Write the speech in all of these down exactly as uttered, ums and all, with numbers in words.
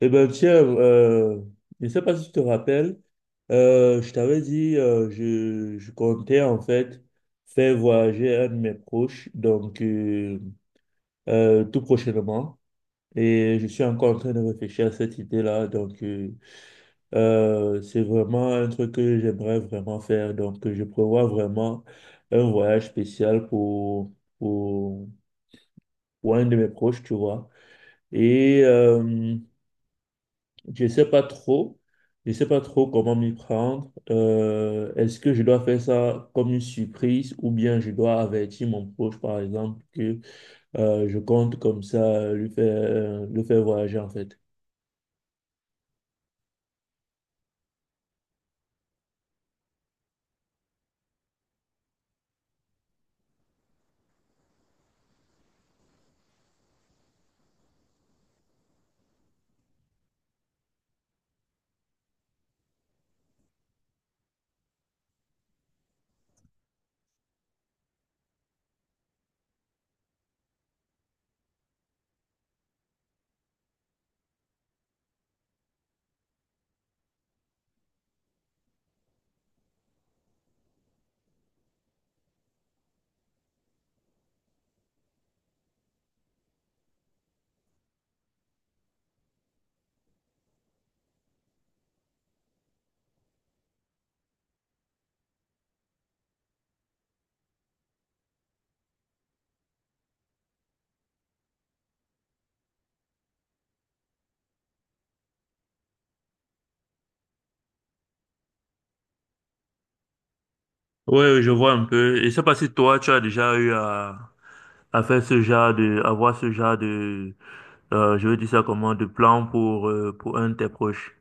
Eh ben tiens, euh, je ne sais pas si tu te rappelles, euh, je t'avais dit, euh, je, je comptais en fait faire voyager un de mes proches, donc euh, euh, tout prochainement. Et je suis encore en train de réfléchir à cette idée-là. Donc, euh, euh, c'est vraiment un truc que j'aimerais vraiment faire. Donc, euh, je prévois vraiment un voyage spécial pour, pour, pour un de mes proches, tu vois. Et euh, Je sais pas trop. Je sais pas trop comment m'y prendre. Euh, est-ce que je dois faire ça comme une surprise ou bien je dois avertir mon proche, par exemple, que euh, je compte comme ça lui faire, lui faire voyager en fait? Oui, oui, je vois un peu. Et je sais pas si toi, tu as déjà eu à, à faire ce genre de, avoir ce genre de, euh, je veux dire ça comment, de plan pour, euh, pour un de tes proches.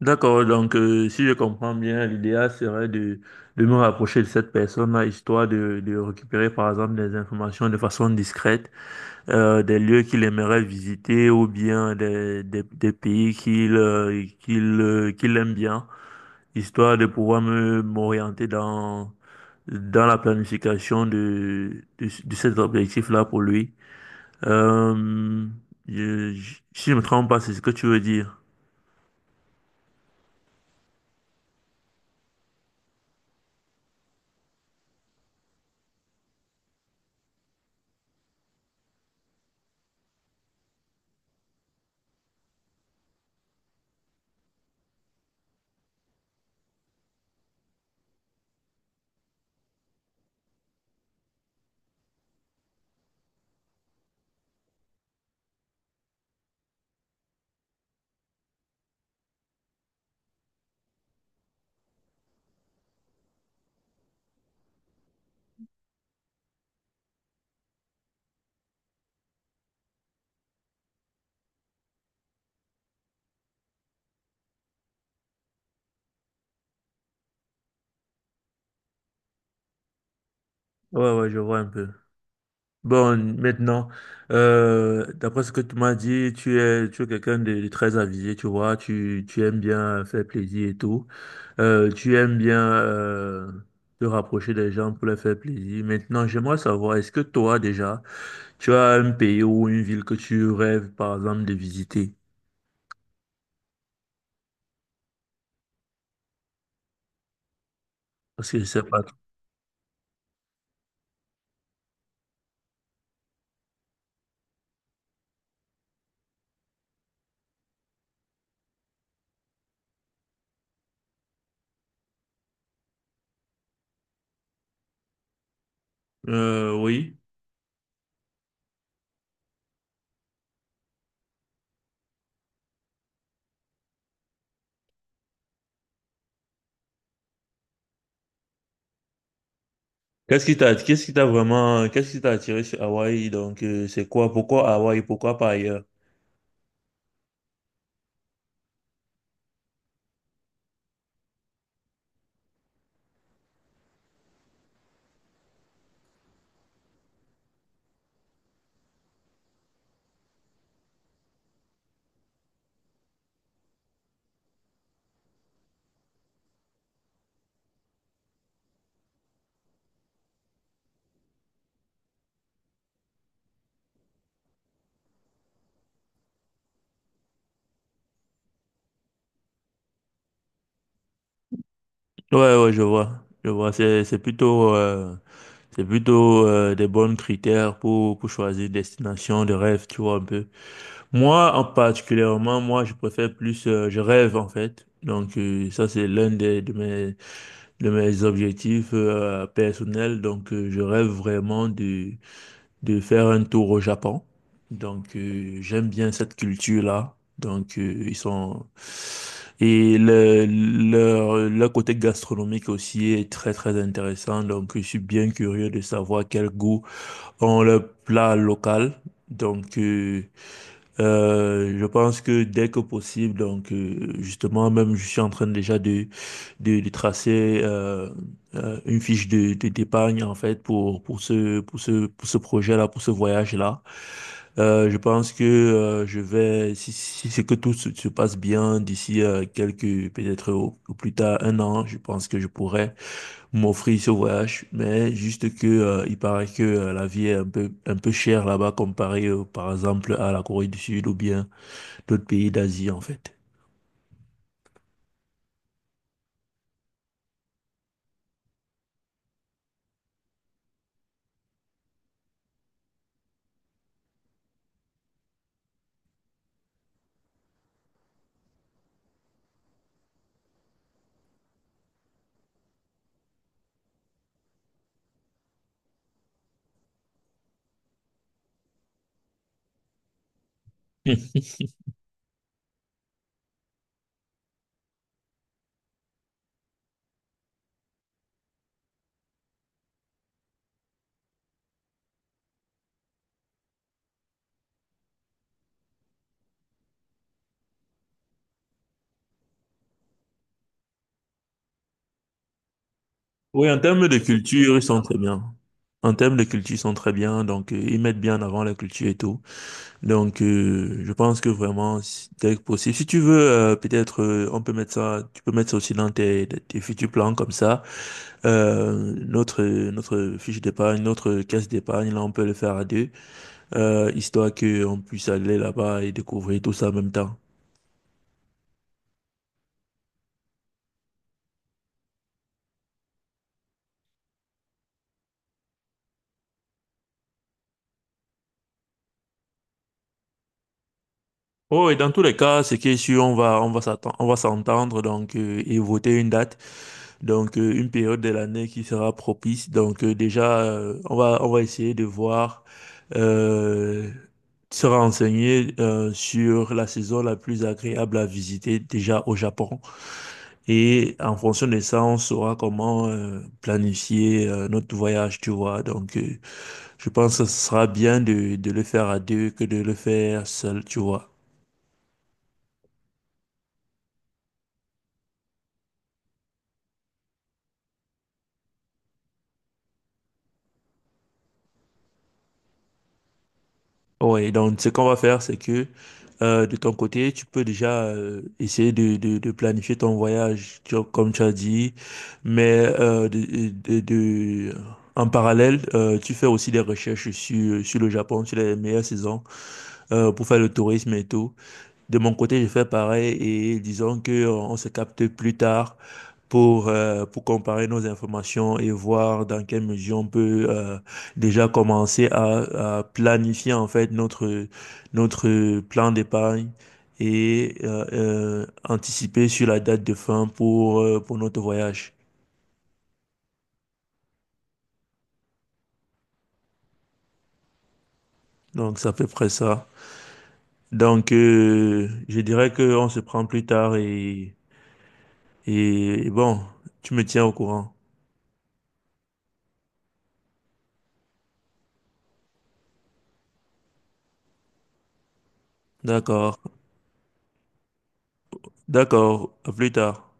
D'accord, donc euh, si je comprends bien, l'idéal serait de, de me rapprocher de cette personne-là, histoire de, de récupérer par exemple des informations de façon discrète, euh, des lieux qu'il aimerait visiter ou bien des, des, des pays qu'il euh, qu'il euh, qu'il aime bien, histoire de pouvoir me m'orienter dans, dans la planification de, de, de cet objectif-là pour lui. Euh, je, je- Si je me trompe pas, c'est ce que tu veux dire. Ouais, ouais, je vois un peu. Bon, maintenant, euh, d'après ce que tu m'as dit, tu es, tu es quelqu'un de, de très avisé, tu vois, tu, tu aimes bien faire plaisir et tout. Euh, tu aimes bien euh, te rapprocher des gens pour leur faire plaisir. Maintenant, j'aimerais savoir, est-ce que toi déjà, tu as un pays ou une ville que tu rêves, par exemple, de visiter? Parce que je sais pas. Euh, oui. Qu'est-ce qui t'a, qu'est-ce qui t'a vraiment, qu'est-ce qui t'a attiré sur Hawaï? Donc, euh, c'est quoi? Pourquoi Hawaï? Pourquoi pas ailleurs? Ouais, ouais, je vois. Je vois. C'est, c'est plutôt, euh, c'est plutôt euh, des bons critères pour, pour choisir une destination de rêve, tu vois, un peu. Moi, en particulièrement, moi, je préfère plus, euh, je rêve, en fait. Donc, euh, ça, c'est l'un des, de mes, de mes objectifs euh, personnels. Donc, euh, je rêve vraiment de de faire un tour au Japon. Donc, euh, j'aime bien cette culture-là. Donc, euh, ils sont... Et le, leur, leur côté gastronomique aussi est très, très intéressant. Donc, je suis bien curieux de savoir quel goût ont leurs plats locaux. Donc, euh, euh, je pense que dès que possible, donc, euh, justement, même je suis en train déjà de de, de tracer euh, euh, une fiche de, de- d'épargne en fait pour pour ce pour ce pour ce projet-là, pour ce voyage-là. Euh, je pense que euh, je vais si si c'est que tout se, se passe bien d'ici euh, quelques peut-être au, au plus tard un an, je pense que je pourrais m'offrir ce voyage, mais juste que euh, il paraît que euh, la vie est un peu un peu chère là-bas comparée euh, par exemple à la Corée du Sud ou bien d'autres pays d'Asie en fait. Oui, en termes de culture, ils sont très bien. En termes de culture, ils sont très bien. Donc, euh, ils mettent bien en avant la culture et tout. Donc, euh, je pense que vraiment, si- dès que possible, si tu veux, euh, peut-être, euh, on peut mettre ça, tu peux mettre ça aussi dans tes, tes futurs plans comme ça. Euh, notre, notre fiche d'épargne, notre caisse d'épargne, là, on peut le faire à deux, euh, histoire qu'on puisse aller là-bas et découvrir tout ça en même temps. Oh, et dans tous les cas, c'est que si on va, on va s'attendre, on va s'entendre, donc, euh, et voter une date. Donc, euh, une période de l'année qui sera propice. Donc, euh, déjà, euh, on va, on va essayer de voir, euh, se renseigner euh, sur la saison la plus agréable à visiter déjà au Japon. Et en fonction de ça, on saura comment euh, planifier euh, notre voyage, tu vois. Donc, euh, je pense que ce sera bien de, de le faire à deux que de le faire seul, tu vois. Oui, donc ce qu'on va faire, c'est que euh, de ton côté, tu peux déjà euh, essayer de, de, de planifier ton voyage, tu vois, comme tu as dit, mais euh, de, de, de- en parallèle, euh, tu fais aussi des recherches sur, sur le Japon, sur les meilleures saisons euh, pour faire le tourisme et tout. De mon côté, je fais pareil et disons que euh, on se capte plus tard pour, euh, pour comparer nos informations et voir dans quelle mesure on peut euh, déjà commencer à, à planifier en fait notre, notre plan d'épargne et euh, euh, anticiper sur la date de fin pour, euh, pour notre voyage. Donc, c'est à peu près ça. Donc, euh, je dirais qu'on se prend plus tard et, et bon, tu me tiens au courant. D'accord. D'accord. À plus tard.